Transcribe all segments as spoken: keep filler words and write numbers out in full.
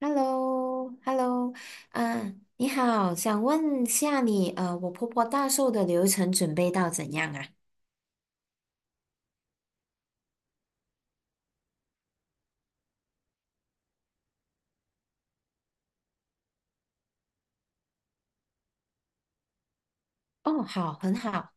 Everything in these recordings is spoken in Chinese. h e l l o h e l l o 啊，你好，想问下你，呃，我婆婆大寿的流程准备到怎样啊？哦，好，很好。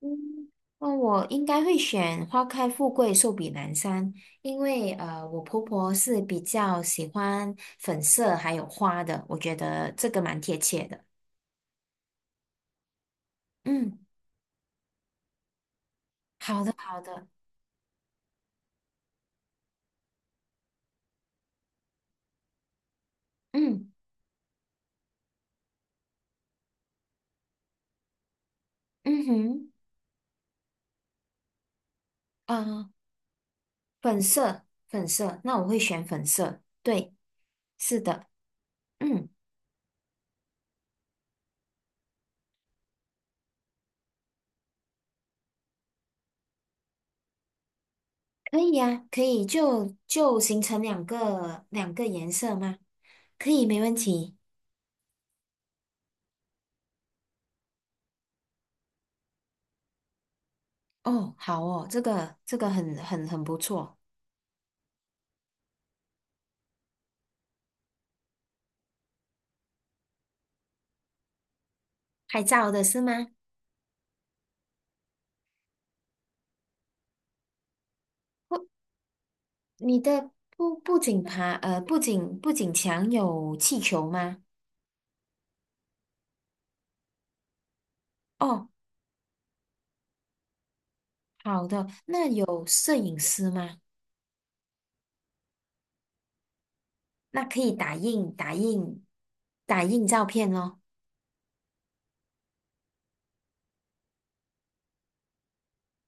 嗯，那我应该会选花开富贵，寿比南山，因为呃，我婆婆是比较喜欢粉色还有花的，我觉得这个蛮贴切的。嗯，好的。嗯嗯哼，啊，粉色，粉色，那我会选粉色。对，是的。嗯。可以呀，可以就就形成两个两个颜色吗？可以，没问题。哦，好哦，这个这个很很很不错。拍照的是吗？不，你的不不仅爬呃不仅不仅墙有气球吗？哦，好的。那有摄影师吗？那可以打印打印打印照片咯。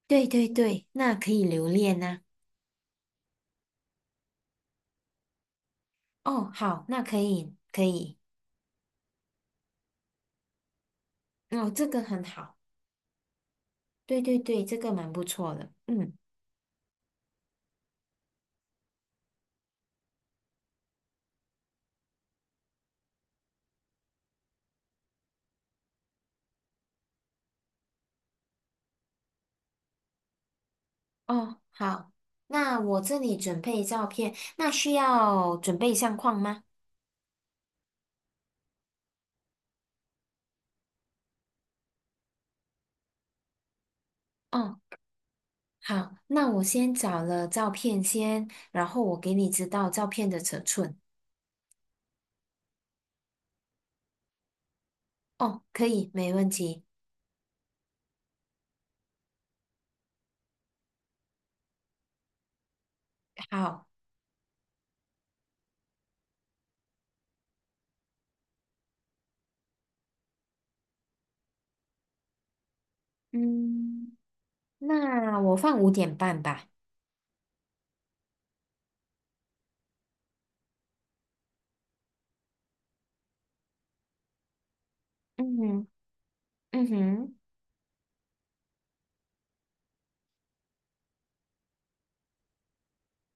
对对对，那可以留恋呐、哦，好，那可以可以。哦，这个很好。对对对，这个蛮不错的。嗯，哦，好，那我这里准备照片，那需要准备相框吗？哦，好，那我先找了照片先，然后我给你知道照片的尺寸。哦，可以，没问题。好，嗯，那我放五点半吧。嗯哼，嗯哼，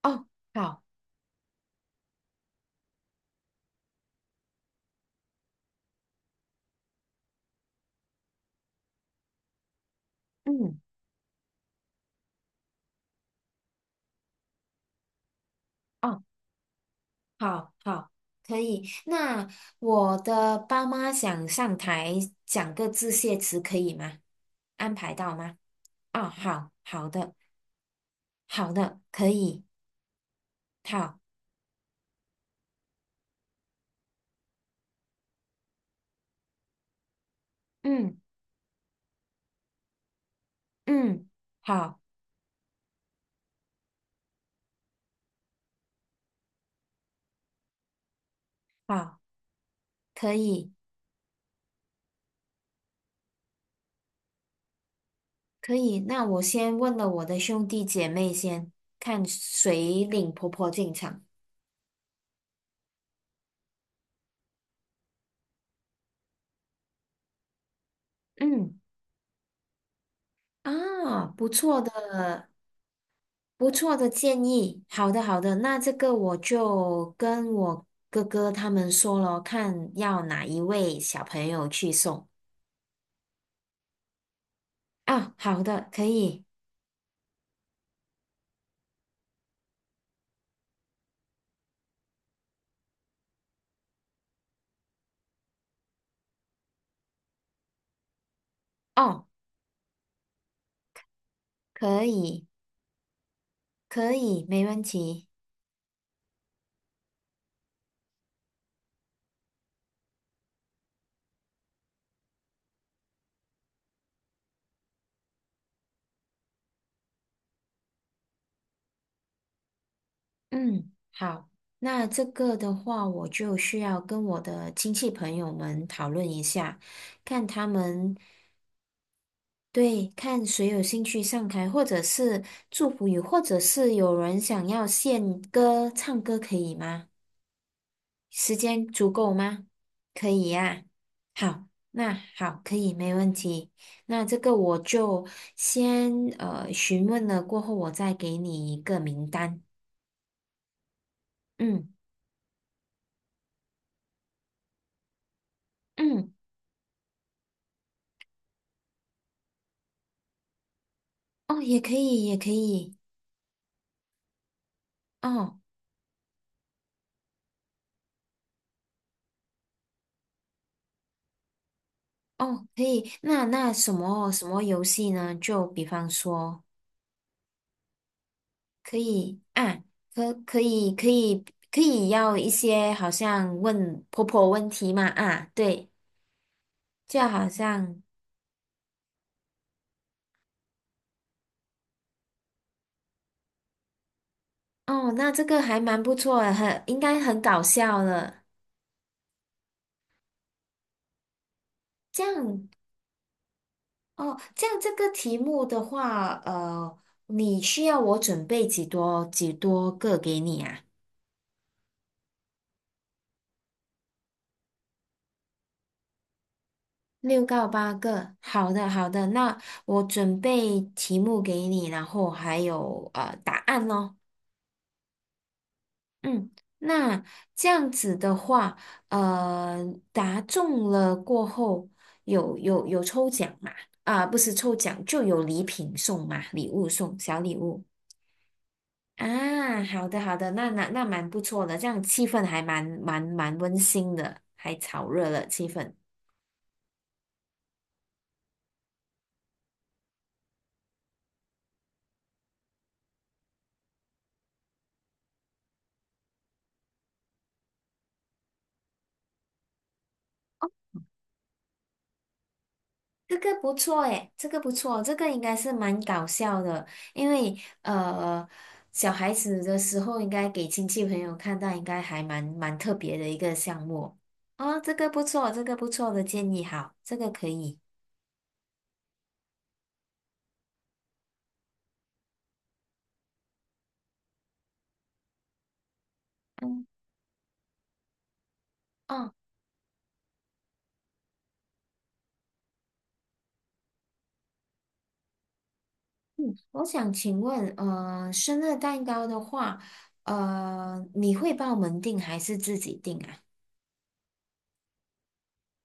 哦，好，嗯。哦。好好，可以。那我的爸妈想上台讲个致谢词，可以吗？安排到吗？啊，好好的，好的，可以。好，嗯嗯，好好，可以可以。那我先问了我的兄弟姐妹先，看谁领婆婆进场。嗯啊，不错的，不错的建议，好的好的，那这个我就跟我哥哥他们说了，看要哪一位小朋友去送啊。好的，可以哦，可以可以，没问题。嗯，好，那这个的话，我就需要跟我的亲戚朋友们讨论一下，看他们对看谁有兴趣上台，或者是祝福语，或者是有人想要献歌唱歌，可以吗？时间足够吗？可以呀、好，那好，可以，没问题。那这个我就先呃询问了，过后我再给你一个名单。嗯嗯，哦，也可以，也可以。哦哦，可以。那那什么什么游戏呢？就比方说，可以啊，可可以可以可以要一些好像问婆婆问题嘛啊，对，就好像。哦，那这个还蛮不错的，很应该很搞笑了。这样哦，这样这个题目的话，呃，你需要我准备几多几多个给你啊？六到八个。好的，好的，那我准备题目给你，然后还有呃答案咯。嗯，那这样子的话，呃，答中了过后有有有抽奖嘛？啊，不是抽奖，就有礼品送嘛，礼物送，小礼物啊。好的好的，那那那蛮不错的，这样气氛还蛮蛮蛮温馨的，还炒热了气氛。这个不错诶，这个不错，这个应该是蛮搞笑的，因为呃，小孩子的时候应该给亲戚朋友看到，应该还蛮蛮特别的一个项目哦，这个不错，这个不错的建议，好，这个可以。嗯，哦，嗯，我想请问，呃，生日蛋糕的话，呃，你会帮我们订还是自己订啊？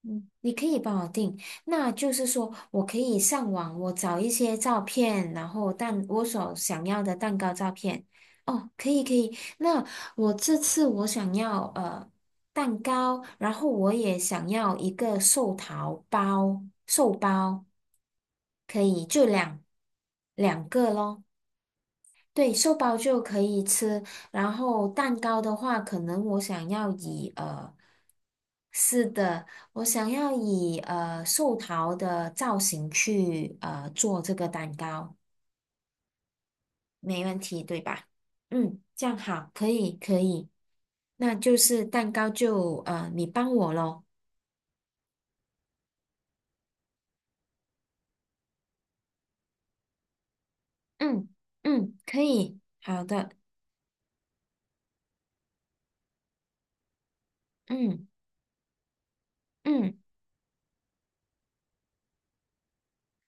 嗯，你可以帮我定，那就是说我可以上网，我找一些照片，然后蛋我所想要的蛋糕照片。哦，可以可以。那我这次我想要呃蛋糕，然后我也想要一个寿桃包，寿包可以就两两个咯。对，寿包就可以吃，然后蛋糕的话，可能我想要以呃，是的，我想要以呃寿桃的造型去呃做这个蛋糕，没问题，对吧？嗯，这样好，可以，可以，那就是蛋糕就呃你帮我咯。嗯嗯，可以，好的，嗯嗯。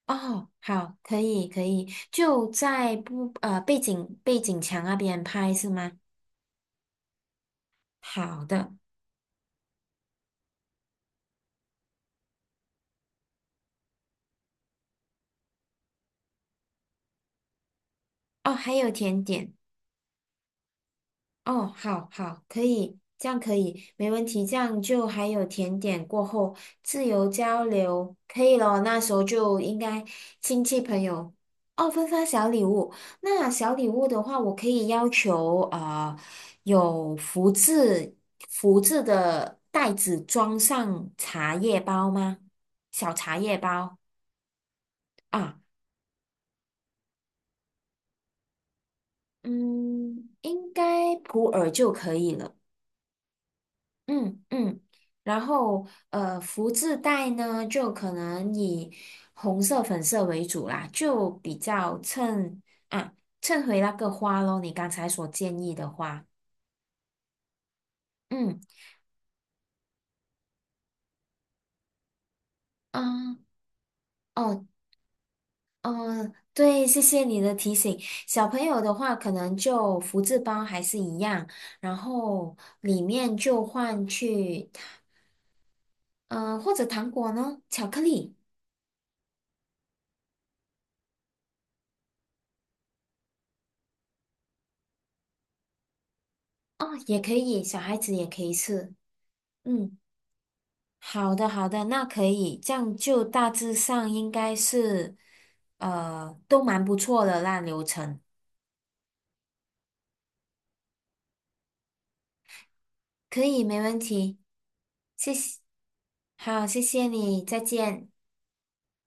哦，好，可以可以，就在不呃背景背景墙那边拍是吗？好的，哦，还有甜点，哦，好好，可以，这样可以，没问题，这样就还有甜点过后自由交流，可以咯，那时候就应该亲戚朋友哦，分发小礼物。那小礼物的话，我可以要求啊、呃有福字福字的袋子装上茶叶包吗？小茶叶包啊，嗯，应该普洱就可以了。嗯嗯，然后呃，福字袋呢，就可能以红色、粉色为主啦，就比较衬啊，衬回那个花咯，你刚才所建议的花。嗯啊，哦哦，对，谢谢你的提醒。小朋友的话，可能就福字包还是一样，然后里面就换去，嗯、或者糖果呢，巧克力哦，也可以，小孩子也可以吃。嗯。好的，好的，那可以，这样就大致上应该是，呃，都蛮不错的那流程可以，没问题，谢谢，好，谢谢你，再见。